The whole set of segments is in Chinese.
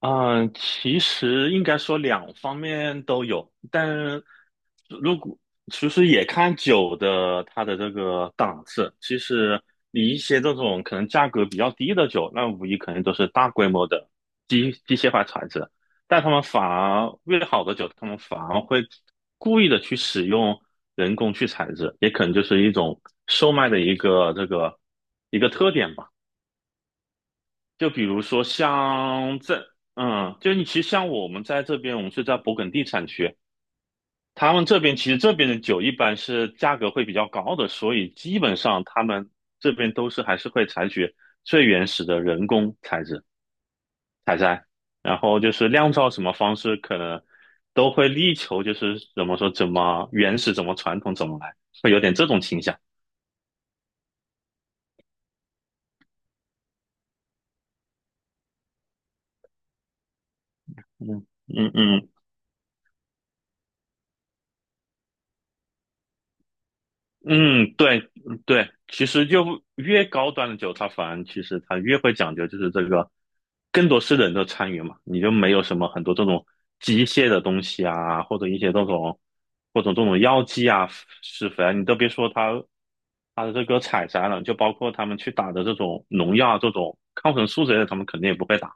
嗯，其实应该说两方面都有，但如果其实也看酒的它的这个档次。其实你一些这种可能价格比较低的酒，那无疑肯定都是大规模的机械化产制，但他们反而越好的酒，他们反而会故意的去使用人工去采制，也可能就是一种售卖的一个这个一个特点吧。就比如说像这，嗯，就你其实像我们在这边，我们是在勃艮第产区，他们这边其实这边的酒一般是价格会比较高的，所以基本上他们这边都是还是会采取最原始的人工采制采摘，然后就是酿造什么方式可能都会力求就是怎么说怎么原始怎么传统怎么来，会有点这种倾向。嗯嗯嗯嗯，对嗯对，其实就越高端的酒，它反而其实它越会讲究，就是这个更多是人的参与嘛，你就没有什么很多这种机械的东西啊，或者一些这种或者这种药剂啊、施肥啊，你都别说它的这个采摘了，就包括他们去打的这种农药啊、这种抗生素之类的，他们肯定也不会打，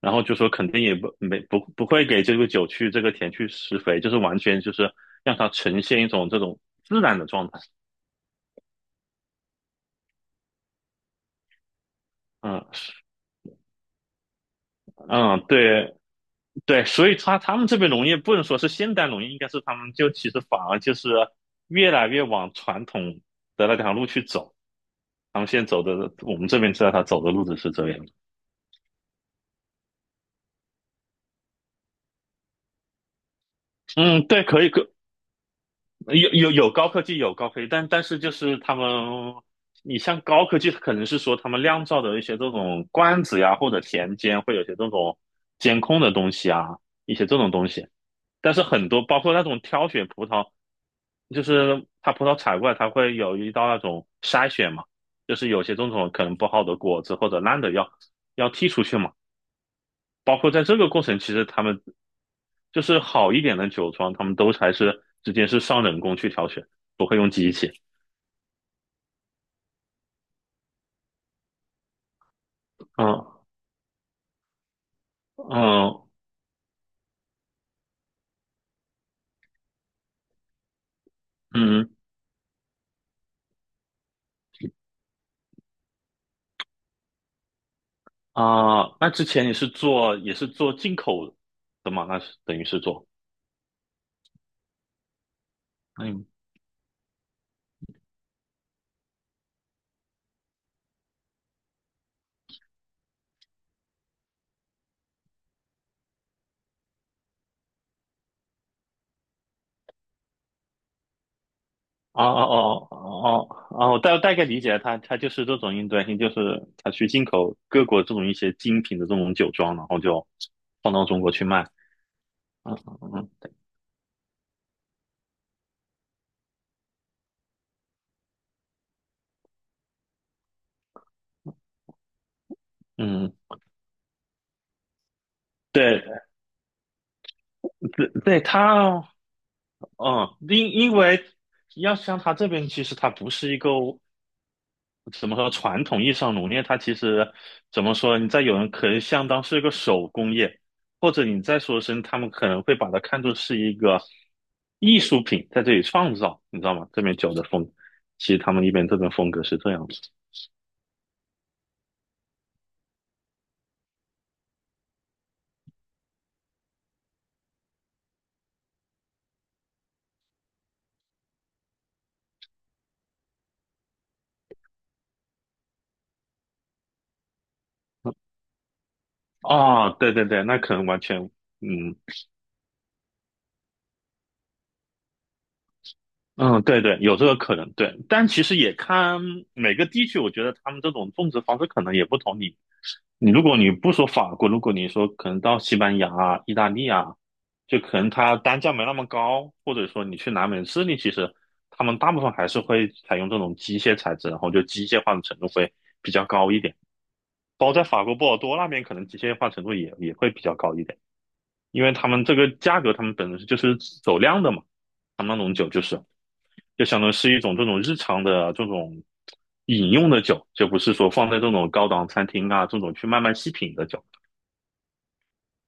然后就说肯定也不没不不会给这个酒去这个田去施肥，就是完全就是让它呈现一种这种自然的状态。嗯嗯，对对，所以他们这边农业不能说是现代农业，应该是他们就其实反而就是越来越往传统的那条路去走。他们现在走的，我们这边知道他走的路子是这样的。嗯，对，可以，有高科技，有高科技，但是就是他们，你像高科技，可能是说他们酿造的一些这种罐子呀，或者田间会有些这种监控的东西啊，一些这种东西。但是很多包括那种挑选葡萄。就是它葡萄采过来，它会有一道那种筛选嘛，就是有些种可能不好的果子或者烂的要剔出去嘛。包括在这个过程，其实他们就是好一点的酒庄，他们都还是直接是上人工去挑选，不会用机器。嗯嗯嗯啊，那之前你是做也是做进口的嘛？那是等于是做。嗯。哦哦哦哦哦，哦我大概理解了它就是这种应对性，就是他去进口各国这种一些精品的这种酒庄，然后就放到中国去卖。嗯嗯嗯，对对对，它，嗯，因为要像他这边，其实他不是一个。怎么说？传统意义上农业，它其实怎么说？你在有人可能相当是一个手工业，或者你再说声，他们可能会把它看作是一个艺术品，在这里创造，你知道吗？这边酒的风，其实他们一边这边风格是这样子。哦，对对对，那可能完全，嗯嗯，对对，有这个可能，对。但其实也看每个地区，我觉得他们这种种植方式可能也不同。你如果你不说法国，如果你说可能到西班牙啊、意大利啊，就可能它单价没那么高，或者说你去南美、智利，其实他们大部分还是会采用这种机械材质，然后就机械化的程度会比较高一点。包括在法国波尔多那边，可能机械化程度也会比较高一点，因为他们这个价格，他们本身就是走量的嘛，他们那种酒就是就相当于是一种这种日常的这种饮用的酒，就不是说放在这种高档餐厅啊这种去慢慢细品的酒。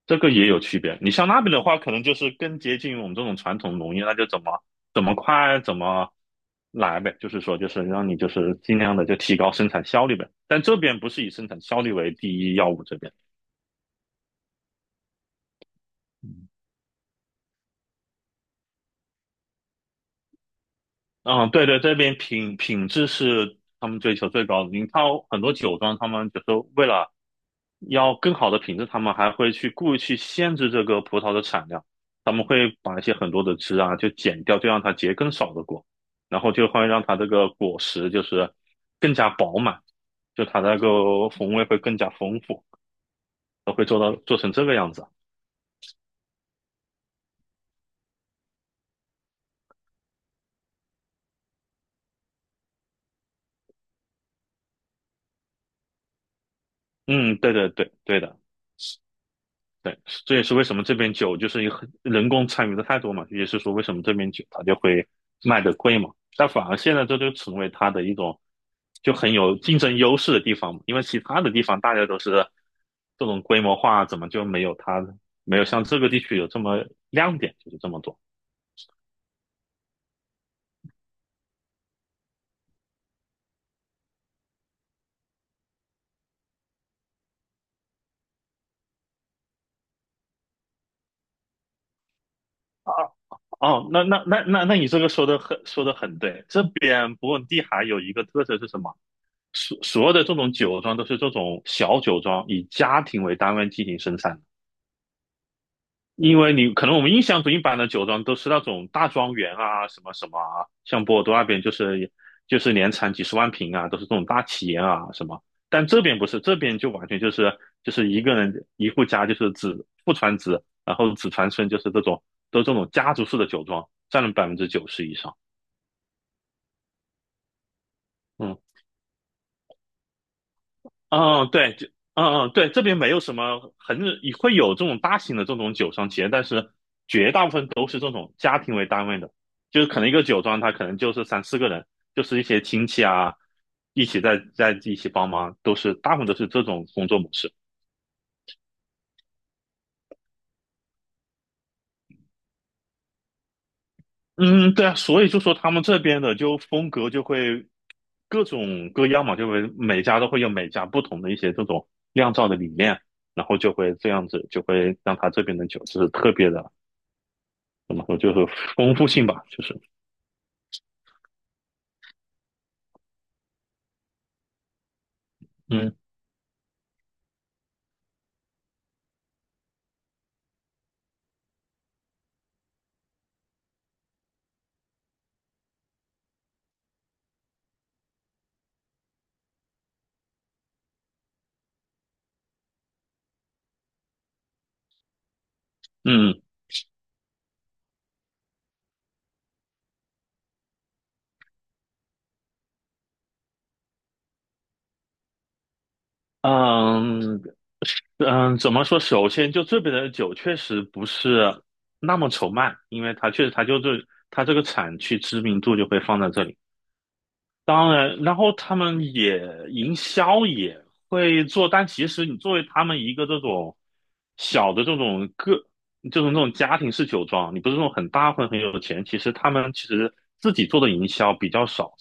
这个也有区别。你像那边的话，可能就是更接近我们这种传统农业，那就怎么快怎么来呗，就是说就是让你就是尽量的就提高生产效率呗。但这边不是以生产效率为第一要务，这边，嗯，嗯对对，这边品质是他们追求最高的。你看很多酒庄，他们就是为了要更好的品质，他们还会去故意去限制这个葡萄的产量，他们会把一些很多的枝啊就剪掉，就让它结更少的果，然后就会让它这个果实就是更加饱满，就它那个风味会更加丰富，都会做到做成这个样子啊。嗯，对对对对的。对，这也是为什么这边酒就是一个很人工参与的太多嘛，也是说为什么这边酒它就会卖的贵嘛。但反而现在这就成为它的一种就很有竞争优势的地方嘛，因为其他的地方大家都是这种规模化，怎么就没有它没有像这个地区有这么亮点，就是这么多。啊。哦，那你这个说的很对。这边勃艮第还有一个特色是什么？所有的这种酒庄都是这种小酒庄，以家庭为单位进行生产。因为你可能我们印象中一般的酒庄都是那种大庄园啊，什么什么啊，像波尔多那边就是就是年产几十万瓶啊，都是这种大企业啊什么。但这边不是，这边就完全就是就是一个人一户家就是子父传子，然后子传孙，就是这种都是这种家族式的酒庄，占了90%以上。嗯，嗯，对，就嗯嗯对，这边没有什么很也会有这种大型的这种酒商企业，但是绝大部分都是这种家庭为单位的，就是可能一个酒庄它可能就是三四个人，就是一些亲戚啊，一起在一起帮忙，都是大部分都是这种工作模式。嗯，对啊，所以就说他们这边的就风格就会各种各样嘛，就会每家都会有每家不同的一些这种酿造的理念，然后就会这样子，就会让他这边的酒是特别的。怎么说，就是丰富性吧，就是嗯嗯嗯嗯，怎么说？首先，就这边的酒确实不是那么愁卖，因为它确实它就是它这个产区知名度就会放在这里。当然，然后他们也营销也会做，但其实你作为他们一个这种小的这种个，就是那种家庭式酒庄，你不是那种很大或者很有钱，其实他们其实自己做的营销比较少，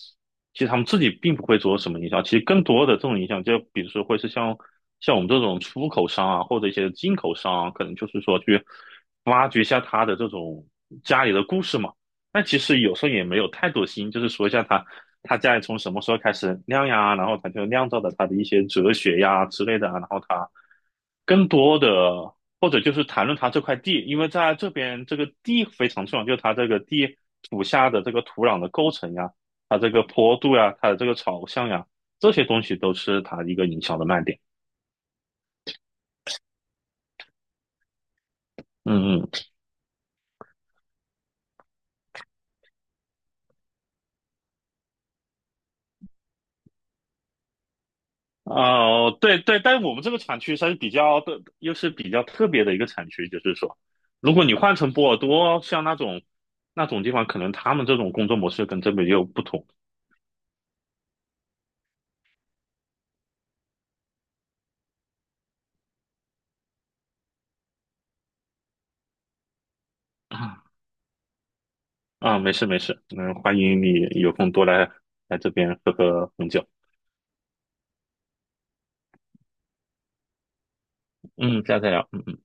其实他们自己并不会做什么营销，其实更多的这种影响就比如说会是像我们这种出口商啊，或者一些进口商啊，可能就是说去挖掘一下他的这种家里的故事嘛。但其实有时候也没有太多心，就是说一下他家里从什么时候开始酿呀，然后他就酿造的他的一些哲学呀之类的啊，然后他更多的或者就是谈论他这块地，因为在这边这个地非常重要，就是他这个地土下的这个土壤的构成呀，它这个坡度呀，它的这个朝向呀，这些东西都是它一个营销的卖点。嗯嗯。哦，对对，但我们这个产区算是比较的，又是比较特别的一个产区，就是说，如果你换成波尔多，像那种那种地方，可能他们这种工作模式跟这边又不同。啊，啊没事没事，嗯，欢迎你有空多来来这边喝喝红酒。嗯，下次再聊。嗯。